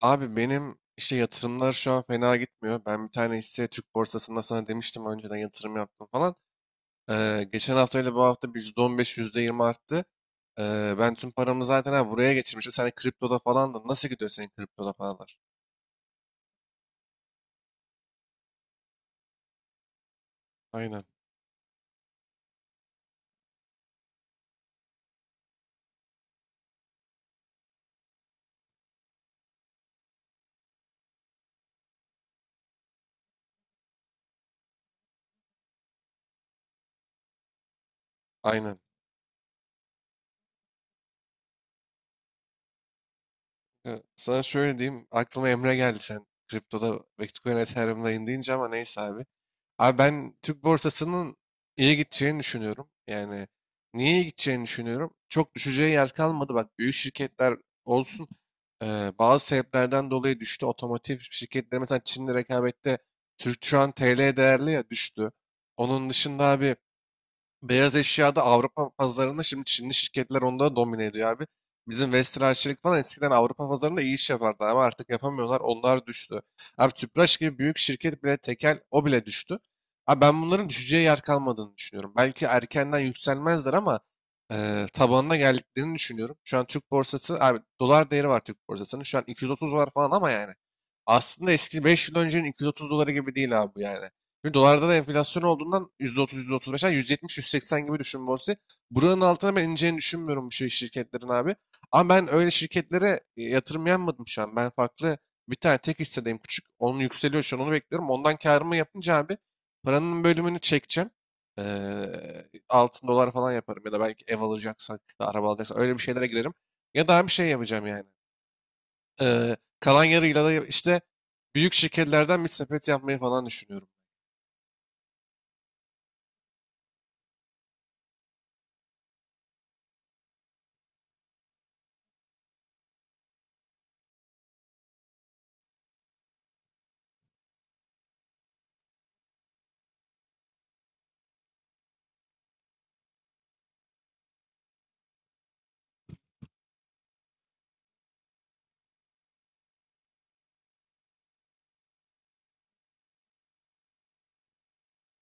Abi benim işte yatırımlar şu an fena gitmiyor. Ben bir tane hisse Türk borsasında sana demiştim önceden yatırım yaptım falan. Geçen hafta ile bu hafta bir %15, %20 arttı. Ben tüm paramı zaten buraya geçirmişim. Sen de kriptoda falan da nasıl gidiyor senin kriptoda paralar? Aynen, aynen. Ya, sana şöyle diyeyim. Aklıma Emre geldi sen kriptoda Bitcoin Ethereum'dayım deyince ama neyse abi. Abi ben Türk borsasının iyi gideceğini düşünüyorum. Yani niye iyi gideceğini düşünüyorum? Çok düşeceği yer kalmadı. Bak, büyük şirketler olsun, bazı sebeplerden dolayı düştü. Otomotiv şirketleri mesela Çin'le rekabette Türk şu an TL değerli ya düştü. Onun dışında abi, beyaz eşyada Avrupa pazarında şimdi Çinli şirketler onu da domine ediyor abi. Bizim Vestel, Arçelik falan eskiden Avrupa pazarında iyi iş yapardı ama artık yapamıyorlar. Onlar düştü. Abi Tüpraş gibi büyük şirket bile tekel o bile düştü. Abi ben bunların düşeceği yer kalmadığını düşünüyorum. Belki erkenden yükselmezler ama tabanına geldiklerini düşünüyorum. Şu an Türk borsası abi dolar değeri var Türk borsasının. Şu an 230 dolar falan ama yani aslında eski 5 yıl öncenin 230 doları gibi değil abi yani. Çünkü dolarda da enflasyon olduğundan %30, %35, yani 170, 180 gibi düşün borsayı. Buranın altına ben ineceğini düşünmüyorum bu şey şirketlerin abi. Ama ben öyle şirketlere yatırım yapmadım şu an. Ben farklı bir tane tek hissedeyim küçük. Onun yükseliyor şu an onu bekliyorum. Ondan karımı yapınca abi paranın bölümünü çekeceğim. Altın dolar falan yaparım ya da belki ev alacaksak, ya da araba alacaksak öyle bir şeylere girerim. Ya daha bir şey yapacağım yani. Kalan yarıyla da işte büyük şirketlerden bir sepet yapmayı falan düşünüyorum.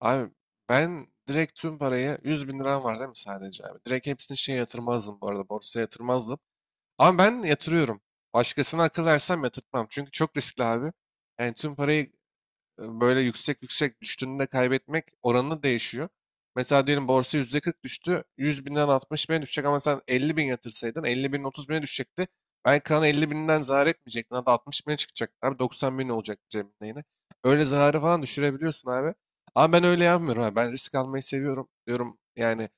Abi ben direkt tüm parayı 100 bin liram var değil mi sadece abi? Direkt hepsini şeye yatırmazdım, bu arada borsaya yatırmazdım. Ama ben yatırıyorum. Başkasına akıl versem yatırtmam. Çünkü çok riskli abi. Yani tüm parayı böyle yüksek yüksek düştüğünde kaybetmek oranı değişiyor. Mesela diyelim borsa %40 düştü. 100 binden 60 bine düşecek ama sen 50 bin yatırsaydın 50 binin 30 bine düşecekti. Belki kalan 50 binden zarar etmeyecektin. Hatta 60 bine çıkacak. Abi 90 bin olacak cebinde yine. Öyle zararı falan düşürebiliyorsun abi. Ama ben öyle yapmıyorum abi. Ben risk almayı seviyorum diyorum. Yani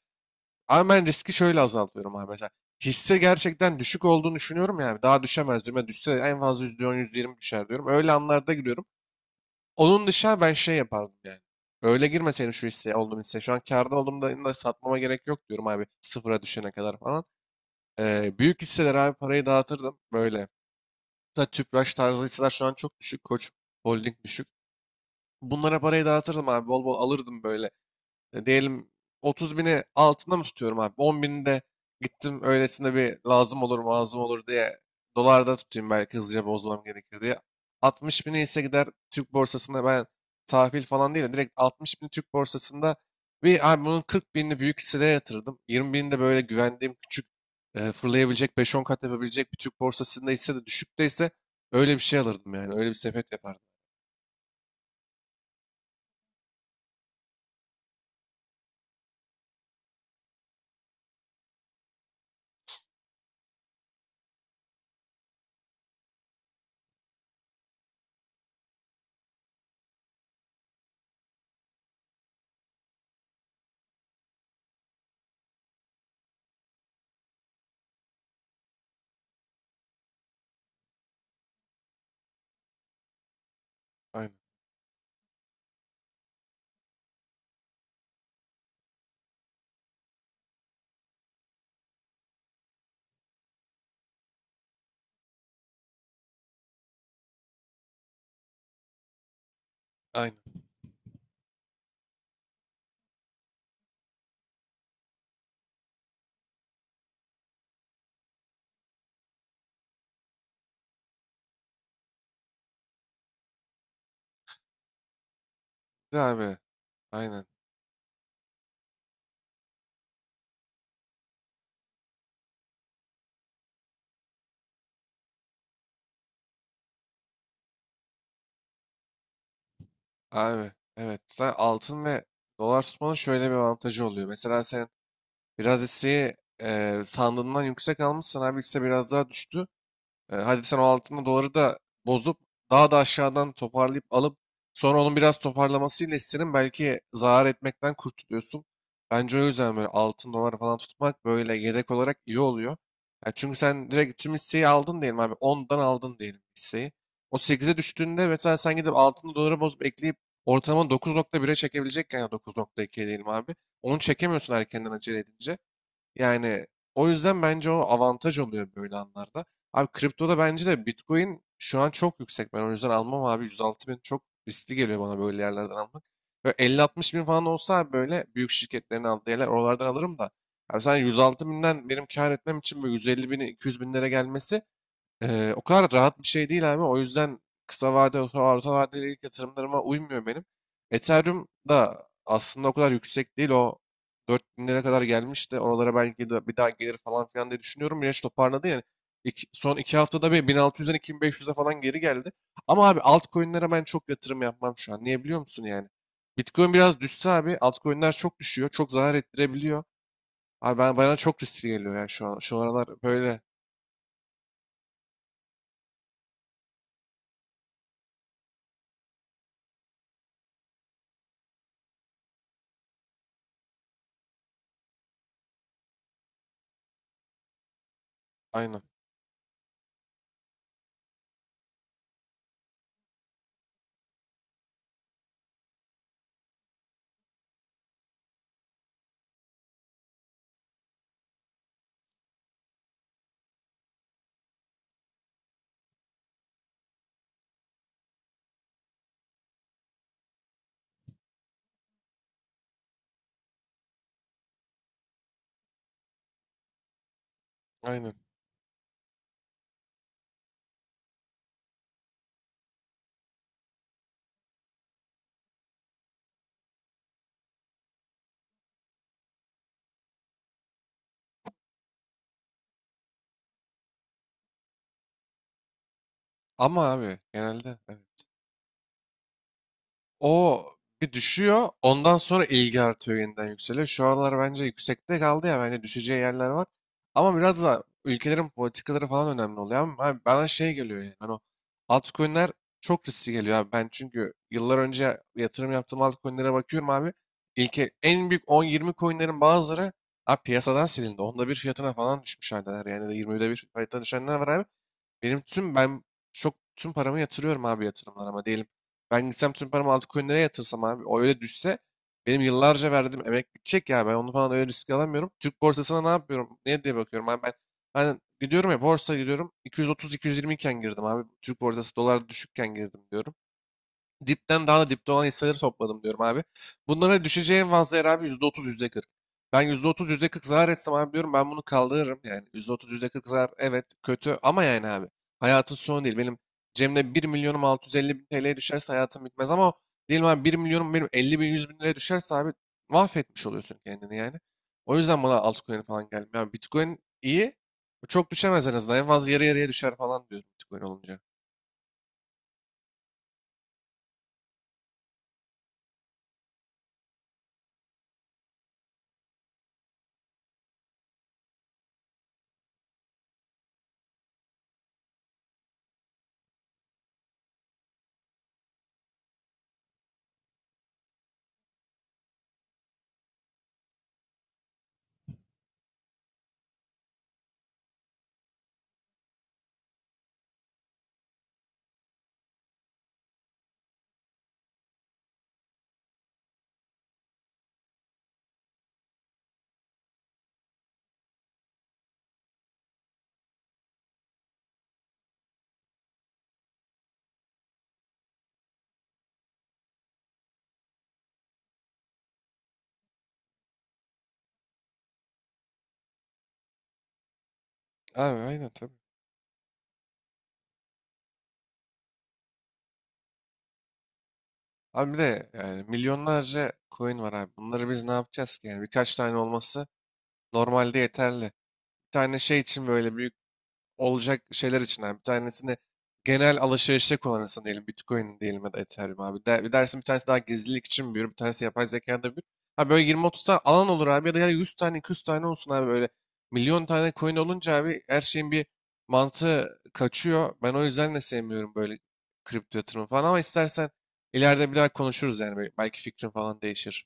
ama ben riski şöyle azaltıyorum abi. Mesela hisse gerçekten düşük olduğunu düşünüyorum yani. Daha düşemez diyorum. Ya düşse en fazla %10, %20 düşer diyorum. Öyle anlarda giriyorum. Onun dışında ben şey yapardım yani. Öyle girmeseydim şu hisseye, olduğum hisseye. Şu an kârda olduğumda da satmama gerek yok diyorum abi. Sıfıra düşene kadar falan. Büyük hisseler abi parayı dağıtırdım. Böyle. Hatta Tüpraş tarzı hisseler şu an çok düşük. Koç Holding düşük. Bunlara parayı dağıtırdım abi. Bol bol alırdım böyle, diyelim 30 bini altında mı tutuyorum abi? 10 bini de gittim öylesine bir, lazım olur lazım olur diye dolarda tutayım belki hızlıca bozmam gerekir diye. 60 bini ise gider Türk borsasında, ben tahvil falan değil de direkt 60 bini Türk borsasında bir abi bunun 40 binini büyük hisselere yatırdım. 20 binini de böyle güvendiğim küçük, fırlayabilecek 5-10 kat yapabilecek bir Türk borsasında ise de düşükteyse öyle bir şey alırdım yani. Öyle bir sepet yapardım. Aynen. Aynen. Bir de abi aynen. Abi evet. Zaten altın ve dolar tutmanın şöyle bir avantajı oluyor. Mesela sen biraz hisseyi sandığından yüksek almışsan abi hisse biraz daha düştü. Hadi sen o altın doları da bozup daha da aşağıdan toparlayıp alıp sonra onun biraz toparlamasıyla hissinin belki zarar etmekten kurtuluyorsun. Bence o yüzden böyle altın dolar falan tutmak böyle yedek olarak iyi oluyor. Yani çünkü sen direkt tüm hisseyi aldın diyelim abi, ondan aldın diyelim hisseyi. O sekize düştüğünde mesela sen gidip altını dolara bozup ekleyip ortalama 9.1'e çekebilecekken, ya 9.2'ye diyelim abi. Onu çekemiyorsun erkenden acele edince. Yani o yüzden bence o avantaj oluyor böyle anlarda. Abi kriptoda bence de Bitcoin şu an çok yüksek. Ben o yüzden almam abi. 106 bin çok riskli geliyor bana böyle yerlerden almak. Böyle 50-60 bin falan olsa abi böyle büyük şirketlerin aldığı yerler oralardan alırım da. Abi sen 106 binden benim kar etmem için böyle 150 bin 200 binlere gelmesi o kadar rahat bir şey değil abi. O yüzden kısa vade, orta vadeli ilk yatırımlarıma uymuyor benim. Ethereum da aslında o kadar yüksek değil. O 4000 binlere kadar gelmişti. Oralara belki de bir daha gelir falan filan diye düşünüyorum. Yine toparladı yani. Son iki haftada bir 1600'den 2500'e falan geri geldi. Ama abi altcoin'lere ben çok yatırım yapmam şu an. Niye biliyor musun yani? Bitcoin biraz düşse abi altcoin'ler çok düşüyor. Çok zarar ettirebiliyor. Abi bana çok riskli geliyor yani şu an. Şu aralar böyle. Aynen. Aynen. Ama abi genelde evet. O bir düşüyor. Ondan sonra ilgi artıyor, yeniden yükseliyor. Şu aralar bence yüksekte kaldı ya. Bence düşeceği yerler var. Ama biraz da ülkelerin politikaları falan önemli oluyor. Ama abi bana şey geliyor yani. Hani o altcoin'ler çok riskli geliyor abi. Ben çünkü yıllar önce yatırım yaptığım altcoin'lere bakıyorum abi. İlke, en büyük 10-20 coin'lerin bazıları abi piyasadan silindi. Onda bir fiyatına falan düşmüş haldeler. Yani de 20'de bir fiyatına düşenler var abi. Benim tüm, ben çok tüm paramı yatırıyorum abi yatırımlara, ama diyelim. Ben gitsem tüm paramı altcoin'lere yatırsam abi o öyle düşse benim yıllarca verdiğim emek bitecek ya, ben onu falan öyle riske alamıyorum. Türk borsasına ne yapıyorum? Ne diye bakıyorum abi, ben gidiyorum ya borsa gidiyorum 230-220 iken girdim abi. Türk borsası dolar düşükken girdim diyorum. Dipten daha da dipte olan hisseleri topladım diyorum abi. Bunlara düşeceği en fazla yer abi yüzde %40. Ben %30, %40 zarar etsem abi diyorum ben bunu kaldırırım. Yani %30 yüzde %40 zarar, evet kötü ama yani abi hayatın sonu değil. Benim cebimde bir milyonum 650.000 TL'ye düşerse hayatım bitmez ama o, diyelim abi bir milyonum benim 50.000 100.000 liraya düşerse abi mahvetmiş oluyorsun kendini yani. O yüzden bana altcoin falan gelmiyor. Yani Bitcoin iyi, çok düşemez en azından, en fazla yarı yarıya düşer falan diyorum Bitcoin olunca. Abi aynen tabii. Abi bir de yani milyonlarca coin var abi. Bunları biz ne yapacağız ki? Yani birkaç tane olması normalde yeterli. Bir tane şey için böyle büyük olacak şeyler içinden bir tanesini genel alışverişe kullanırsın diyelim. Bitcoin diyelim ya da Ethereum abi. De, bir dersin bir tanesi daha gizlilik için büyür. Bir tanesi yapay zekada büyür. Ha böyle 20-30 tane alan olur abi ya da ya 100 tane 200 tane olsun abi böyle. Milyon tane coin olunca abi her şeyin bir mantığı kaçıyor. Ben o yüzden de sevmiyorum böyle kripto yatırımı falan ama istersen ileride bir daha konuşuruz yani. Belki fikrin falan değişir.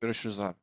Görüşürüz abi.